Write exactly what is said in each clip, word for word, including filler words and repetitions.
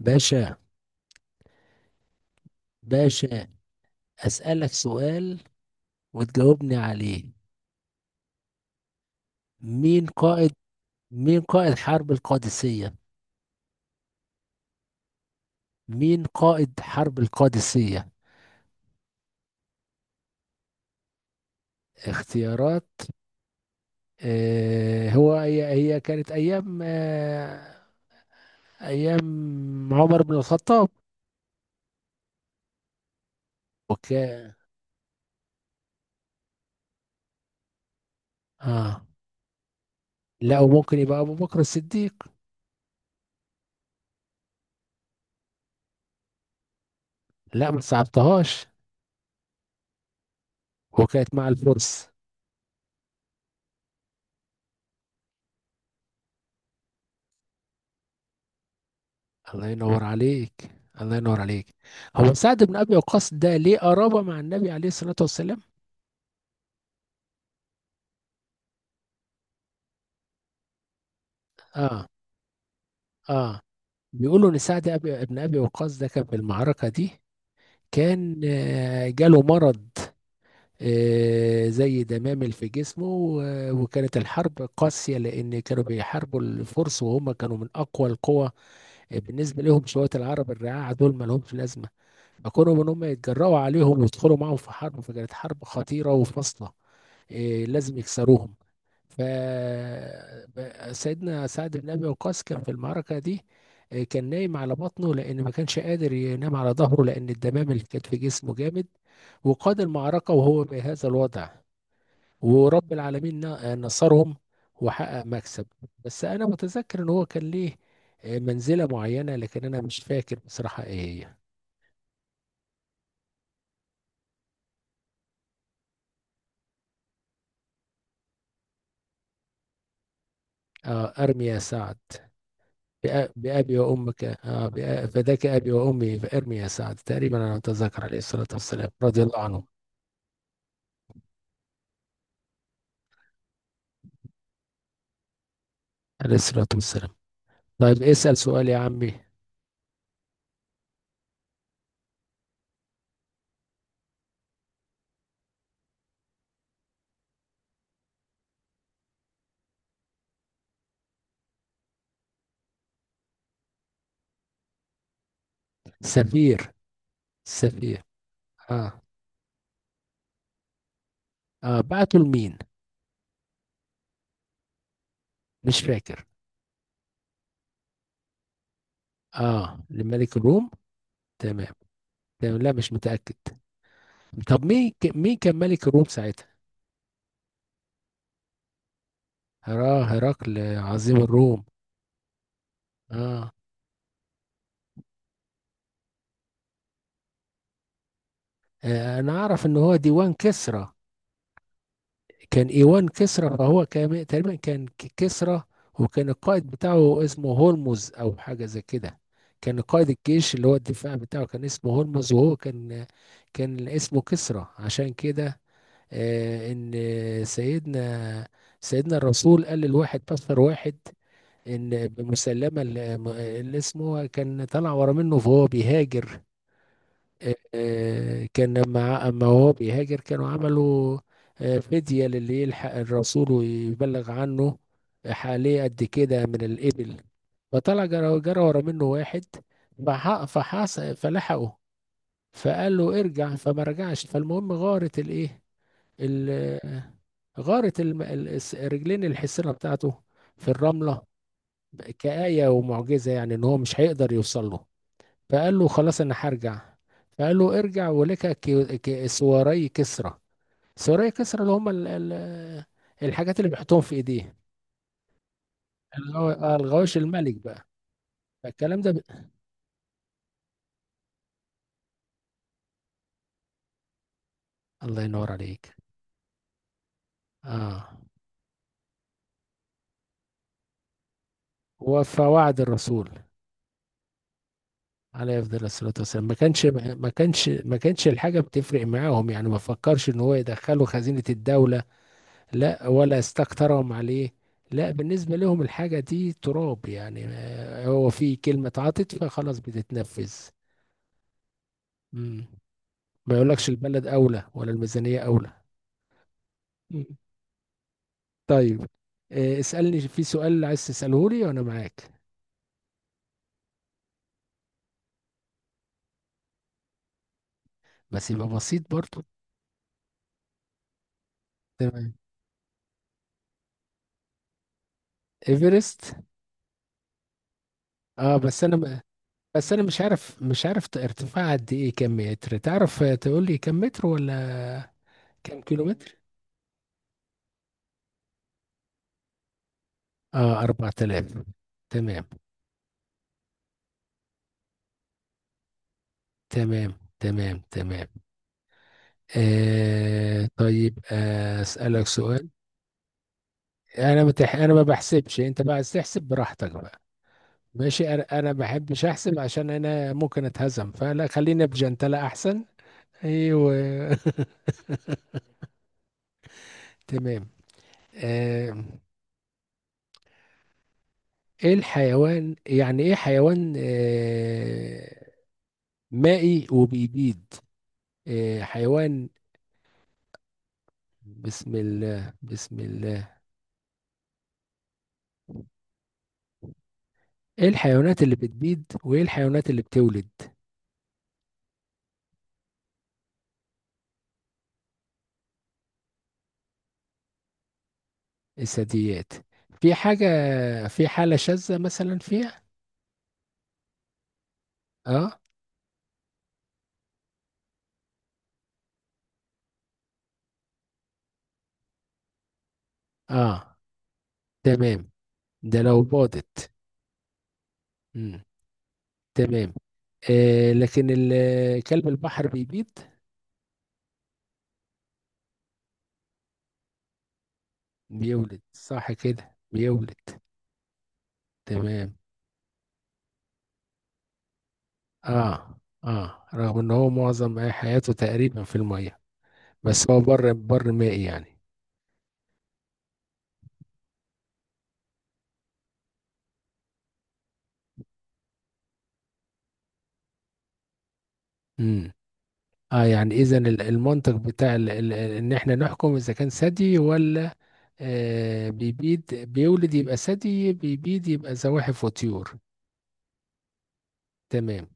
باشا، باشا أسألك سؤال وتجاوبني عليه. مين قائد مين قائد حرب القادسية؟ مين قائد حرب القادسية؟ اختيارات. آه هو هي هي كانت أيام آه أيام عمر بن الخطاب. وكان آه لا، وممكن يبقى أبو بكر الصديق. لا ما صعبتهاش. وكانت مع الفرس. الله ينور عليك، الله ينور عليك. هو سعد بن ابي وقاص ده ليه قرابه مع النبي عليه الصلاه والسلام؟ اه اه بيقولوا ان سعد أبي ابن ابي وقاص ده كان في المعركه دي، كان آه، جاله مرض آه، زي دمامل في جسمه، و- وكانت الحرب قاسيه لان كانوا بيحاربوا الفرس، وهم كانوا من اقوى القوى بالنسبه لهم. شويه العرب الرعاع دول ما لهمش لازمه، فكانوا ان هم يتجرأوا عليهم ويدخلوا معاهم في حرب، فكانت حرب خطيره وفاصله. إيه، لازم يكسروهم. ف ب- سيدنا سعد بن ابي وقاص كان في المعركه دي، إيه، كان نايم على بطنه لان ما كانش قادر ينام على ظهره، لان الدمام اللي كانت في جسمه جامد. وقاد المعركه وهو بهذا الوضع، ورب العالمين ن- آه، نصرهم وحقق مكسب. بس انا متذكر ان هو كان ليه، إيه، منزله معينه، لكن انا مش فاكر بصراحه ايه هي. آه، ارمي يا سعد، بأ- بأبي وأمك، آه بأ- فداك أبي وأمي، فارمي يا سعد. تقريبا أنا أتذكر عليه الصلاة والسلام رضي الله عنه. عليه الصلاة والسلام. طيب اسأل سؤال يا عمي. سفير. سفير. آه. آه، بعته لمين؟ مش فاكر. آه، لملك الروم. تمام، تمام. لا مش متأكد. طب مين ك- مين كان ملك الروم ساعتها؟ هرا هرقل، عظيم الروم. آه. آه، أنا أعرف إن هو ديوان كسرى. كان ايوان كسرى، فهو كان تقريبا كان ك- كسرى. وكان القائد بتاعه اسمه هرمز او حاجه زي كده. كان قائد الجيش اللي هو الدفاع بتاعه كان اسمه هرمز، وهو كان كان اسمه كسرى. عشان كده آه، ان سيدنا سيدنا الرسول قال للواحد، بشر واحد، ان بمسلمه اللي اللي اسمه كان طلع ورا منه فهو بيهاجر. آه، كان لما اما هو بيهاجر كانوا عملوا آه، فدية للي يلحق الرسول ويبلغ عنه، حواليه قد كده من الإبل. فطلع جرى جرى ورا منه واحد، فح- فحص، فلحقه، فقال له ارجع، فما رجعش. فالمهم غارت الايه، ال- غارت الم- ال- الس- رجلين الحصينة بتاعته في الرملة، كآية ومعجزة، يعني ان هو مش هيقدر يوصل له. فقال له خلاص انا هرجع. فقال له ارجع ولك كي- كي- سواري كسرى. سواري كسرى اللي هم ال- ال- الحاجات اللي بيحطوهم في ايديه. الغو- آه، الغواش الملك بقى. فالكلام ده ب... الله ينور عليك. اه، وفواعد الرسول عليه افضل الصلاه والسلام. ما كانش ما كانش ما كانش الحاجه بتفرق معاهم، يعني ما فكرش ان هو يدخله خزينه الدوله، لا ولا استكترهم عليه. لا، بالنسبة لهم الحاجة دي تراب، يعني آه، هو في كلمة اتعطت فخلاص بتتنفذ. مم. ما يقولكش البلد أولى ولا الميزانية أولى. مم. طيب آه، اسألني في سؤال عايز تسأله لي وأنا معاك. بس يبقى بسيط برضو. تمام. إيفرست. اه بس أنا م- بس أنا مش عارف مش عارف ت- ارتفاع قد إيه؟ كم متر تعرف؟ آه، تقول لي كم متر ولا كم كيلو متر؟ اه أربعة آلاف. تمام، تمام، تمام، تمام، آه طيب، آه اسالك سؤال. انا متح... انا ما بحسبش، انت بقى عايز تحسب براحتك بقى. ماشي، انا انا ما بحبش احسب عشان انا ممكن اتهزم، فلا خلينا بجنتلة احسن. ايوه. تمام. آه، ايه الحيوان، يعني ايه حيوان آه مائي وبيبيض؟ آه حيوان. بسم الله، بسم الله. ايه الحيوانات اللي بتبيض وايه الحيوانات اللي بتولد؟ الثدييات. في حاجة، في حالة شاذة مثلا فيها؟ اه. اه، تمام، ده لو باضت. مم. تمام. آه لكن ال- كلب البحر بيبيض. بيولد؟ صح كده، بيولد. تمام. اه اه، رغم ان هو معظم حياته تقريبا في المية، بس هو بر بر مائي يعني. امم. اه، يعني اذا ال- المنطق بتاع ال- ال- ال- ان احنا نحكم اذا كان ثدي ولا آه بيبيد. بيولد يبقى ثدي، بيبيد يبقى زواحف وطيور. تمام،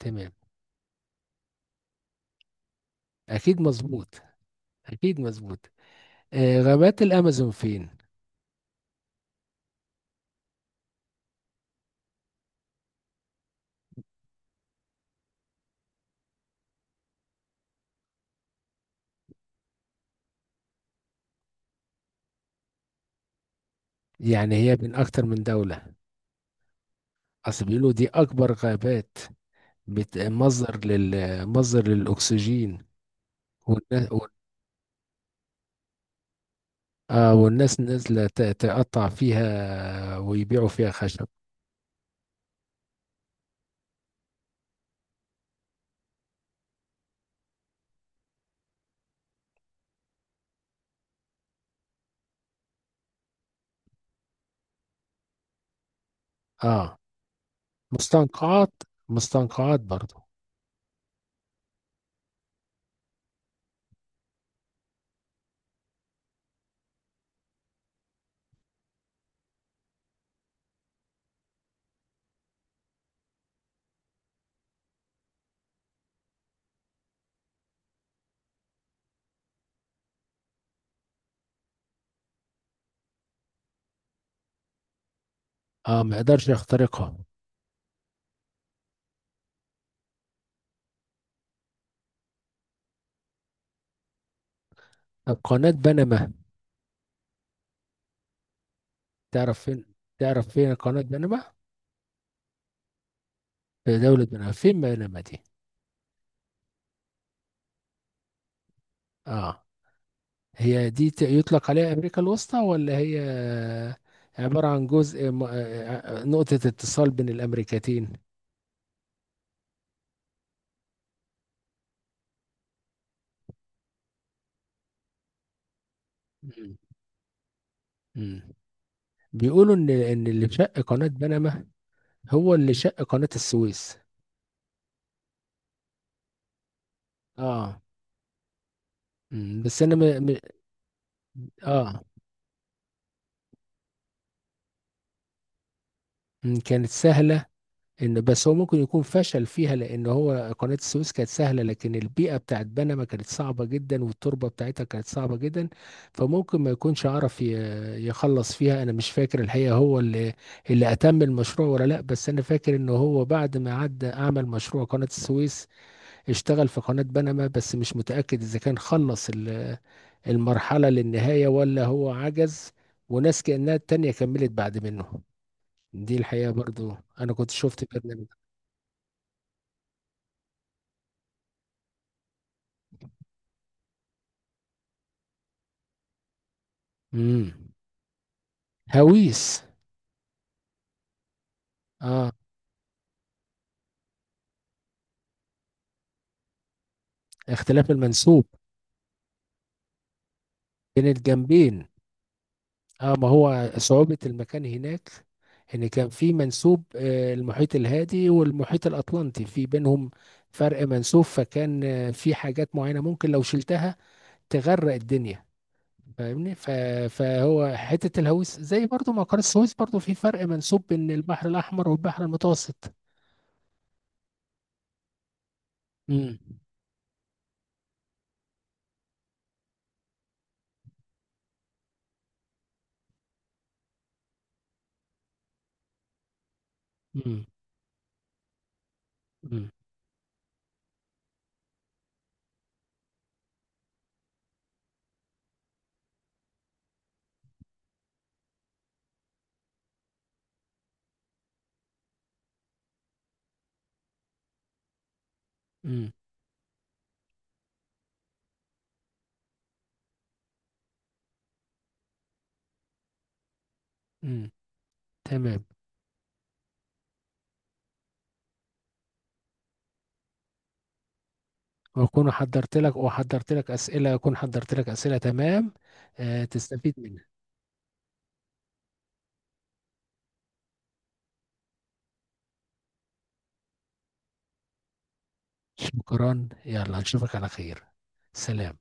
تمام. اكيد مظبوط، اكيد مظبوط. آه، غابات الامازون فين؟ يعني هي بين اكتر من دولة. اصل بيقولوا دي اكبر غابات، بت- مصدر لل مصدر للاكسجين والناس. آه، والناس نازلة ت- تقطع فيها ويبيعوا فيها خشب. اه، مستنقعات. مستنقعات برضو. اه، ما يقدرش يخترقها. طب قناة بنما، تعرف فين؟ تعرف فين قناة بنما؟ في دولة بنما، فين بنما دي؟ اه. هي دي ت- يطلق عليها أمريكا الوسطى، ولا هي عبارة عن جزء م... آه، آه، نقطة اتصال بين الأمريكتين؟ مم. مم. بيقولوا إن إن اللي شق قناة بنما هو اللي شق قناة السويس. اه. مم. بس أنا م... م... اه. مم. كانت سهلة. ان بس هو ممكن يكون فشل فيها، لان هو قناة السويس كانت سهلة، لكن البيئة بتاعت بنما كانت صعبة جدا، والتربة بتاعتها كانت صعبة جدا، فممكن ما يكونش عرف ي- يخلص فيها. انا مش فاكر الحقيقة هو اللي اللي اتم المشروع ولا لا. بس انا فاكر ان هو بعد ما عدى اعمل مشروع قناة السويس، اشتغل في قناة بنما. بس مش متأكد اذا كان خلص ال- المرحلة للنهاية ولا هو عجز وناس كأنها التانية كملت بعد منه. دي الحقيقة برضو أنا كنت شفت برنامج. امم. هويس. اه، اختلاف المنسوب بين الجنبين. اه، ما هو صعوبة المكان هناك. ان كان في منسوب آه، المحيط الهادي والمحيط الاطلنطي، في بينهم فرق منسوب، فكان آه، في حاجات معينة ممكن لو شلتها تغرق الدنيا. فاهمني؟ ف- فهو حتة الهويس، زي برضو ما قناة السويس، برضو في فرق منسوب بين البحر الاحمر والبحر المتوسط. امم. امم. امم. امم. تمام. واكون حضرت لك وحضرت لك اسئله اكون حضرت لك اسئله، تمام، آه، تستفيد منها. شكرا، يلا نشوفك على خير. سلام.